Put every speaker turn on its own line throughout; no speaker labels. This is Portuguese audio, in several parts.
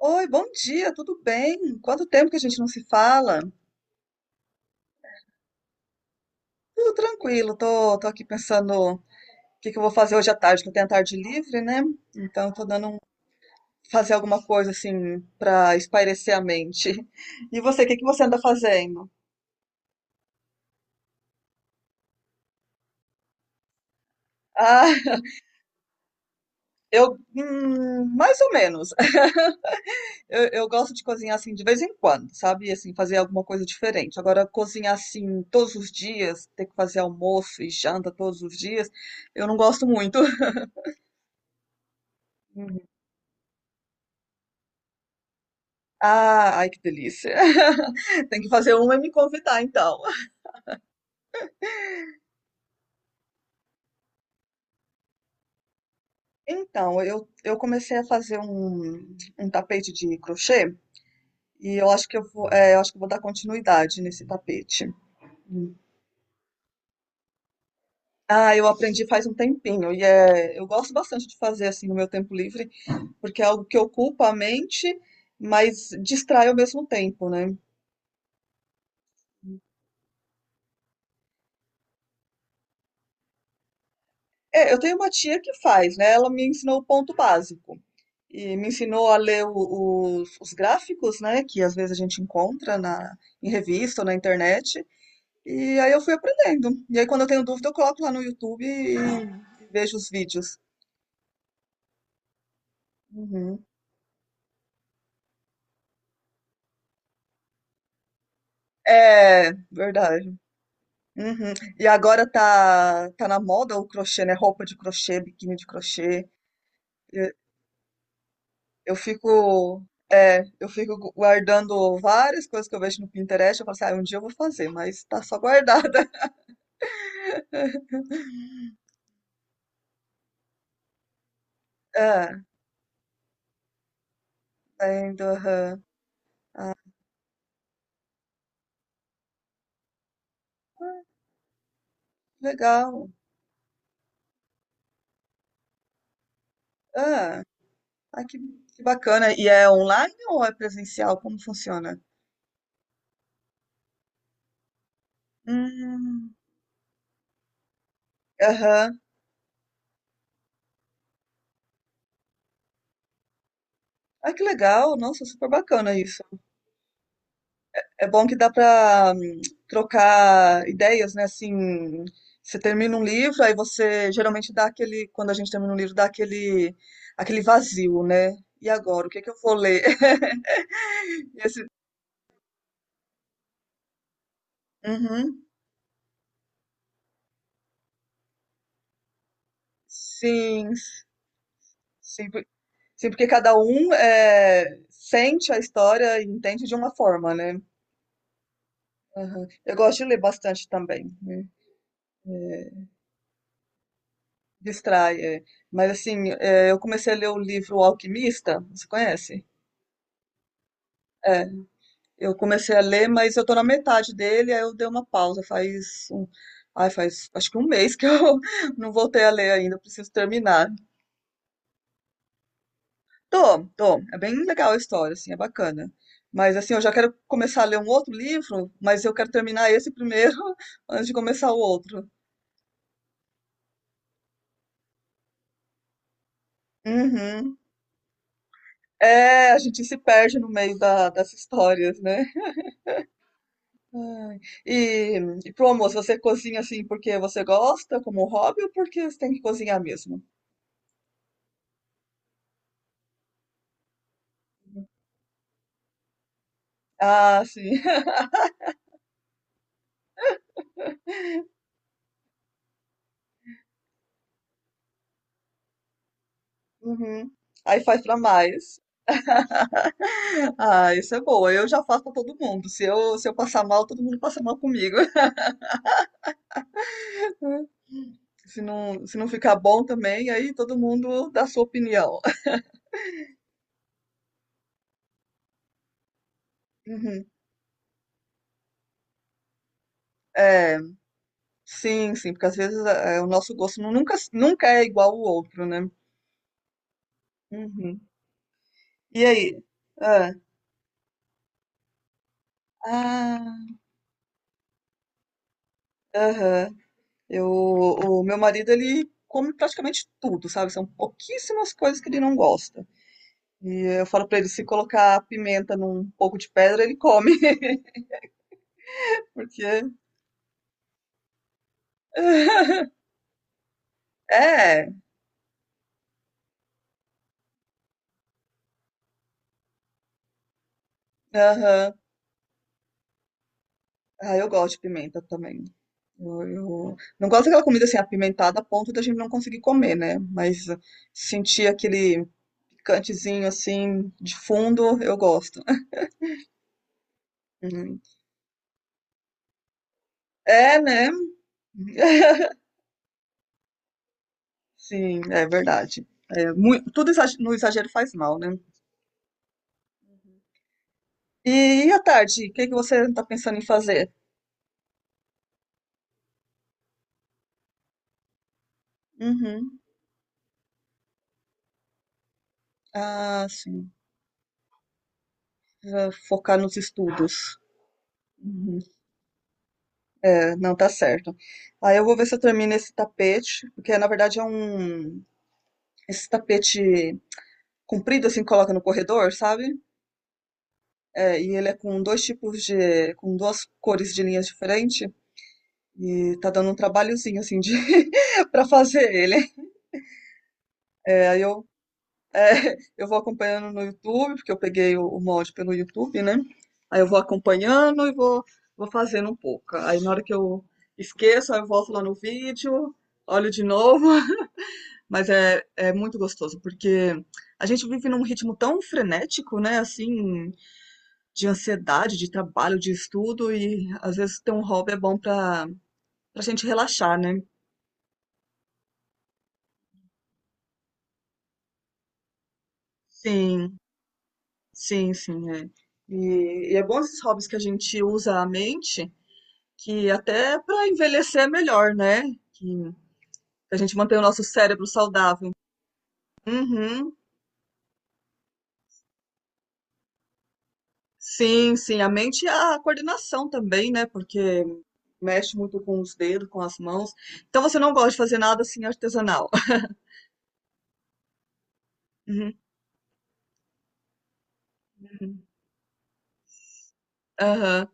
Oi, bom dia, tudo bem? Quanto tempo que a gente não se fala? Tudo tranquilo, tô aqui pensando o que que eu vou fazer hoje à tarde, que eu tenho a tarde livre, né? Então eu tô dando um, fazer alguma coisa assim para espairecer a mente. E você, o que que você anda fazendo? Ah, eu, mais ou menos. Eu gosto de cozinhar assim de vez em quando, sabe? Assim, fazer alguma coisa diferente. Agora, cozinhar assim todos os dias, ter que fazer almoço e janta todos os dias, eu não gosto muito. Ah, ai que delícia. Tem que fazer uma e me convidar, então. Então, eu comecei a fazer um, tapete de crochê e eu acho que eu vou dar continuidade nesse tapete. Hum. Ah, eu aprendi faz um tempinho e eu gosto bastante de fazer assim no meu tempo livre, porque é algo que ocupa a mente, mas distrai ao mesmo tempo, né? É, eu tenho uma tia que faz, né? Ela me ensinou o ponto básico. E me ensinou a ler os gráficos, né, que às vezes a gente encontra em revista ou na internet, e aí eu fui aprendendo. E aí quando eu tenho dúvida eu coloco lá no YouTube e vejo os vídeos. Uhum. É, verdade. Uhum. E agora tá, na moda o crochê, né, roupa de crochê, biquíni de crochê. Eu, eu fico... É, eu fico guardando várias coisas que eu vejo no Pinterest. Eu falo assim, ah, um dia eu vou fazer, mas tá só guardada. É, ainda, aham. Legal. Ah, ah, que bacana. E é online ou é presencial? Como funciona? Hum, aham. Ah, que legal. Nossa, super bacana isso. É bom que dá para trocar ideias, né? Assim, você termina um livro, aí você geralmente dá aquele, quando a gente termina um livro, dá aquele vazio, né? E agora, o que é que eu vou ler? E esse- Uhum. Sim, sim. Sim, porque cada um sente a história e entende de uma forma, né? Aham. Eu gosto de ler bastante também, né? É, distrai, é. Mas assim, eu comecei a ler o livro O Alquimista, você conhece? É, eu comecei a ler, mas eu tô na metade dele, aí eu dei uma pausa, faz acho que um mês que eu não voltei a ler ainda, eu preciso terminar. Tô. É bem legal a história, assim, é bacana. Mas, assim, eu já quero começar a ler um outro livro, mas eu quero terminar esse primeiro antes de começar o outro. Uhum. É, a gente se perde no meio das histórias, né? Ai. E, e pro almoço, você cozinha, assim, porque você gosta, como hobby, ou porque você tem que cozinhar mesmo? Ah, sim. Uhum. Aí faz pra mais. Ah, isso é boa. Eu já faço pra todo mundo. Se eu passar mal, todo mundo passa mal comigo. Se não ficar bom também, aí todo mundo dá sua opinião. Uhum. É, sim, sim, porque às vezes o nosso gosto nunca é igual ao outro, né? Uhum. E aí? Ah, ah, aham. O meu marido, ele come praticamente tudo, sabe? São pouquíssimas coisas que ele não gosta. E eu falo pra ele, se colocar pimenta num pouco de pedra, ele come, porque... É, aham. Ah, eu gosto de pimenta também. Eu não gosto daquela comida assim apimentada a ponto da gente não conseguir comer, né? Mas sentir aquele picantezinho assim de fundo, eu gosto. Uhum. É, né? Sim, é verdade. É, no exagero faz mal, né? E à tarde, o que que você está pensando em fazer? Uhum. Ah, sim. Ah, focar nos estudos. Uhum. Não, tá certo. Aí eu vou ver se eu termino esse tapete, porque na verdade é um. Esse tapete comprido, assim, que coloca no corredor, sabe? É, e ele é com dois tipos de, com duas cores de linhas diferentes. E tá dando um trabalhozinho, assim, de... pra fazer ele. É, eu vou acompanhando no YouTube, porque eu peguei o molde pelo YouTube, né? Aí eu vou acompanhando e vou fazendo um pouco. Aí na hora que eu esqueço, aí eu volto lá no vídeo, olho de novo. Mas é muito gostoso, porque a gente vive num ritmo tão frenético, né? Assim, de ansiedade, de trabalho, de estudo, e às vezes ter um hobby é bom pra, gente relaxar, né? Sim, sim, sim, é. E é bom esses hobbies que a gente usa a mente, que até pra envelhecer é melhor, né? Que a gente mantém o nosso cérebro saudável. Uhum. Sim, sim, a mente e a coordenação também, né? Porque mexe muito com os dedos, com as mãos. Então você não gosta de fazer nada assim artesanal. Uhum. Aham.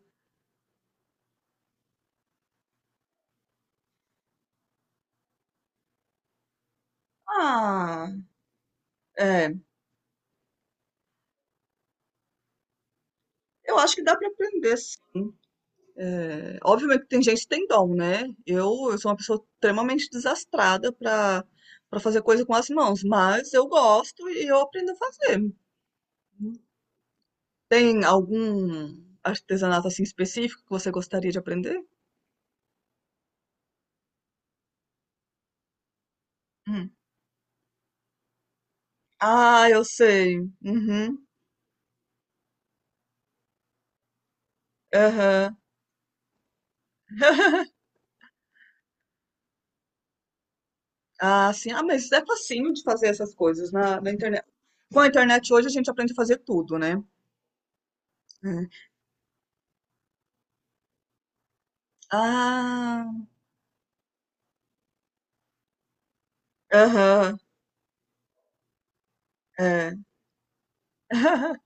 Ah, é. Eu acho que dá para aprender, sim. É, obviamente que tem gente que tem dom, né? Eu sou uma pessoa extremamente desastrada para fazer coisa com as mãos, mas eu gosto e eu aprendo a fazer. Tem algum artesanato assim específico que você gostaria de aprender? Hum. Ah, eu sei. Uhum. Aham. Ah, sim. Ah, mas é facinho de fazer essas coisas na internet. Com a internet hoje a gente aprende a fazer tudo, né? É. Ah, aham, é.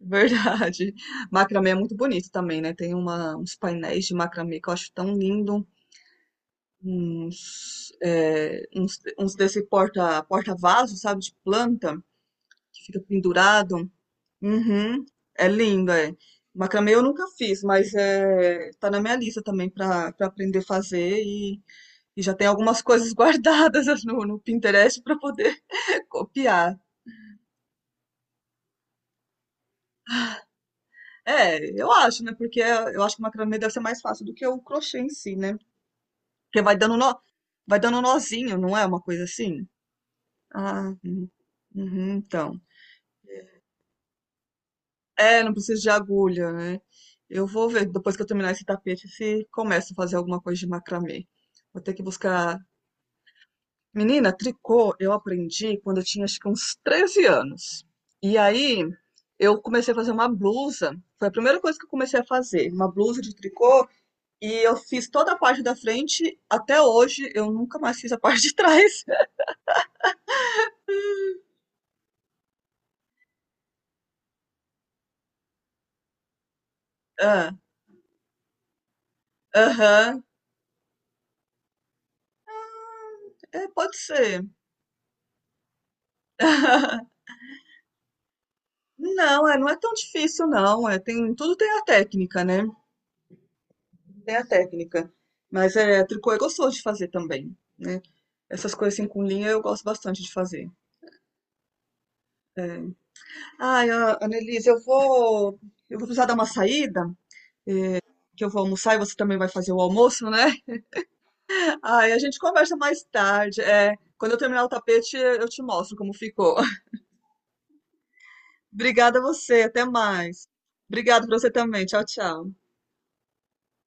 Verdade. Macramê é muito bonito também, né? Tem uma, uns painéis de macramê que eu acho tão lindo. Uns desse porta-vaso, sabe? De planta, que fica pendurado. Uhum. É lindo, é. Macramê eu nunca fiz, mas tá na minha lista também para aprender a fazer. E já tem algumas coisas guardadas no Pinterest para poder copiar. É, eu acho, né? Porque eu acho que o macramê deve ser mais fácil do que o crochê em si, né? Porque vai dando nó, vai dando nozinho, não é uma coisa assim? Ah, uhum, uhum, então. É, não precisa de agulha, né? Eu vou ver depois que eu terminar esse tapete se começo a fazer alguma coisa de macramê. Vou ter que buscar. Menina, tricô eu aprendi quando eu tinha acho que uns 13 anos. E aí eu comecei a fazer uma blusa. Foi a primeira coisa que eu comecei a fazer, uma blusa de tricô. E eu fiz toda a parte da frente. Até hoje eu nunca mais fiz a parte de trás. Ah, aham. É, pode ser. Não, não é tão difícil, não. É, tudo tem a técnica, né? Tem a técnica. Mas tricô é gostoso de fazer também, né? Essas coisas assim com linha eu gosto bastante de fazer. É. Ai, Annelise, eu vou precisar dar uma saída, que eu vou almoçar e você também vai fazer o almoço, né? Ai, a gente conversa mais tarde. É, quando eu terminar o tapete, eu te mostro como ficou. Obrigada a você, até mais. Obrigada pra você também. Tchau, tchau.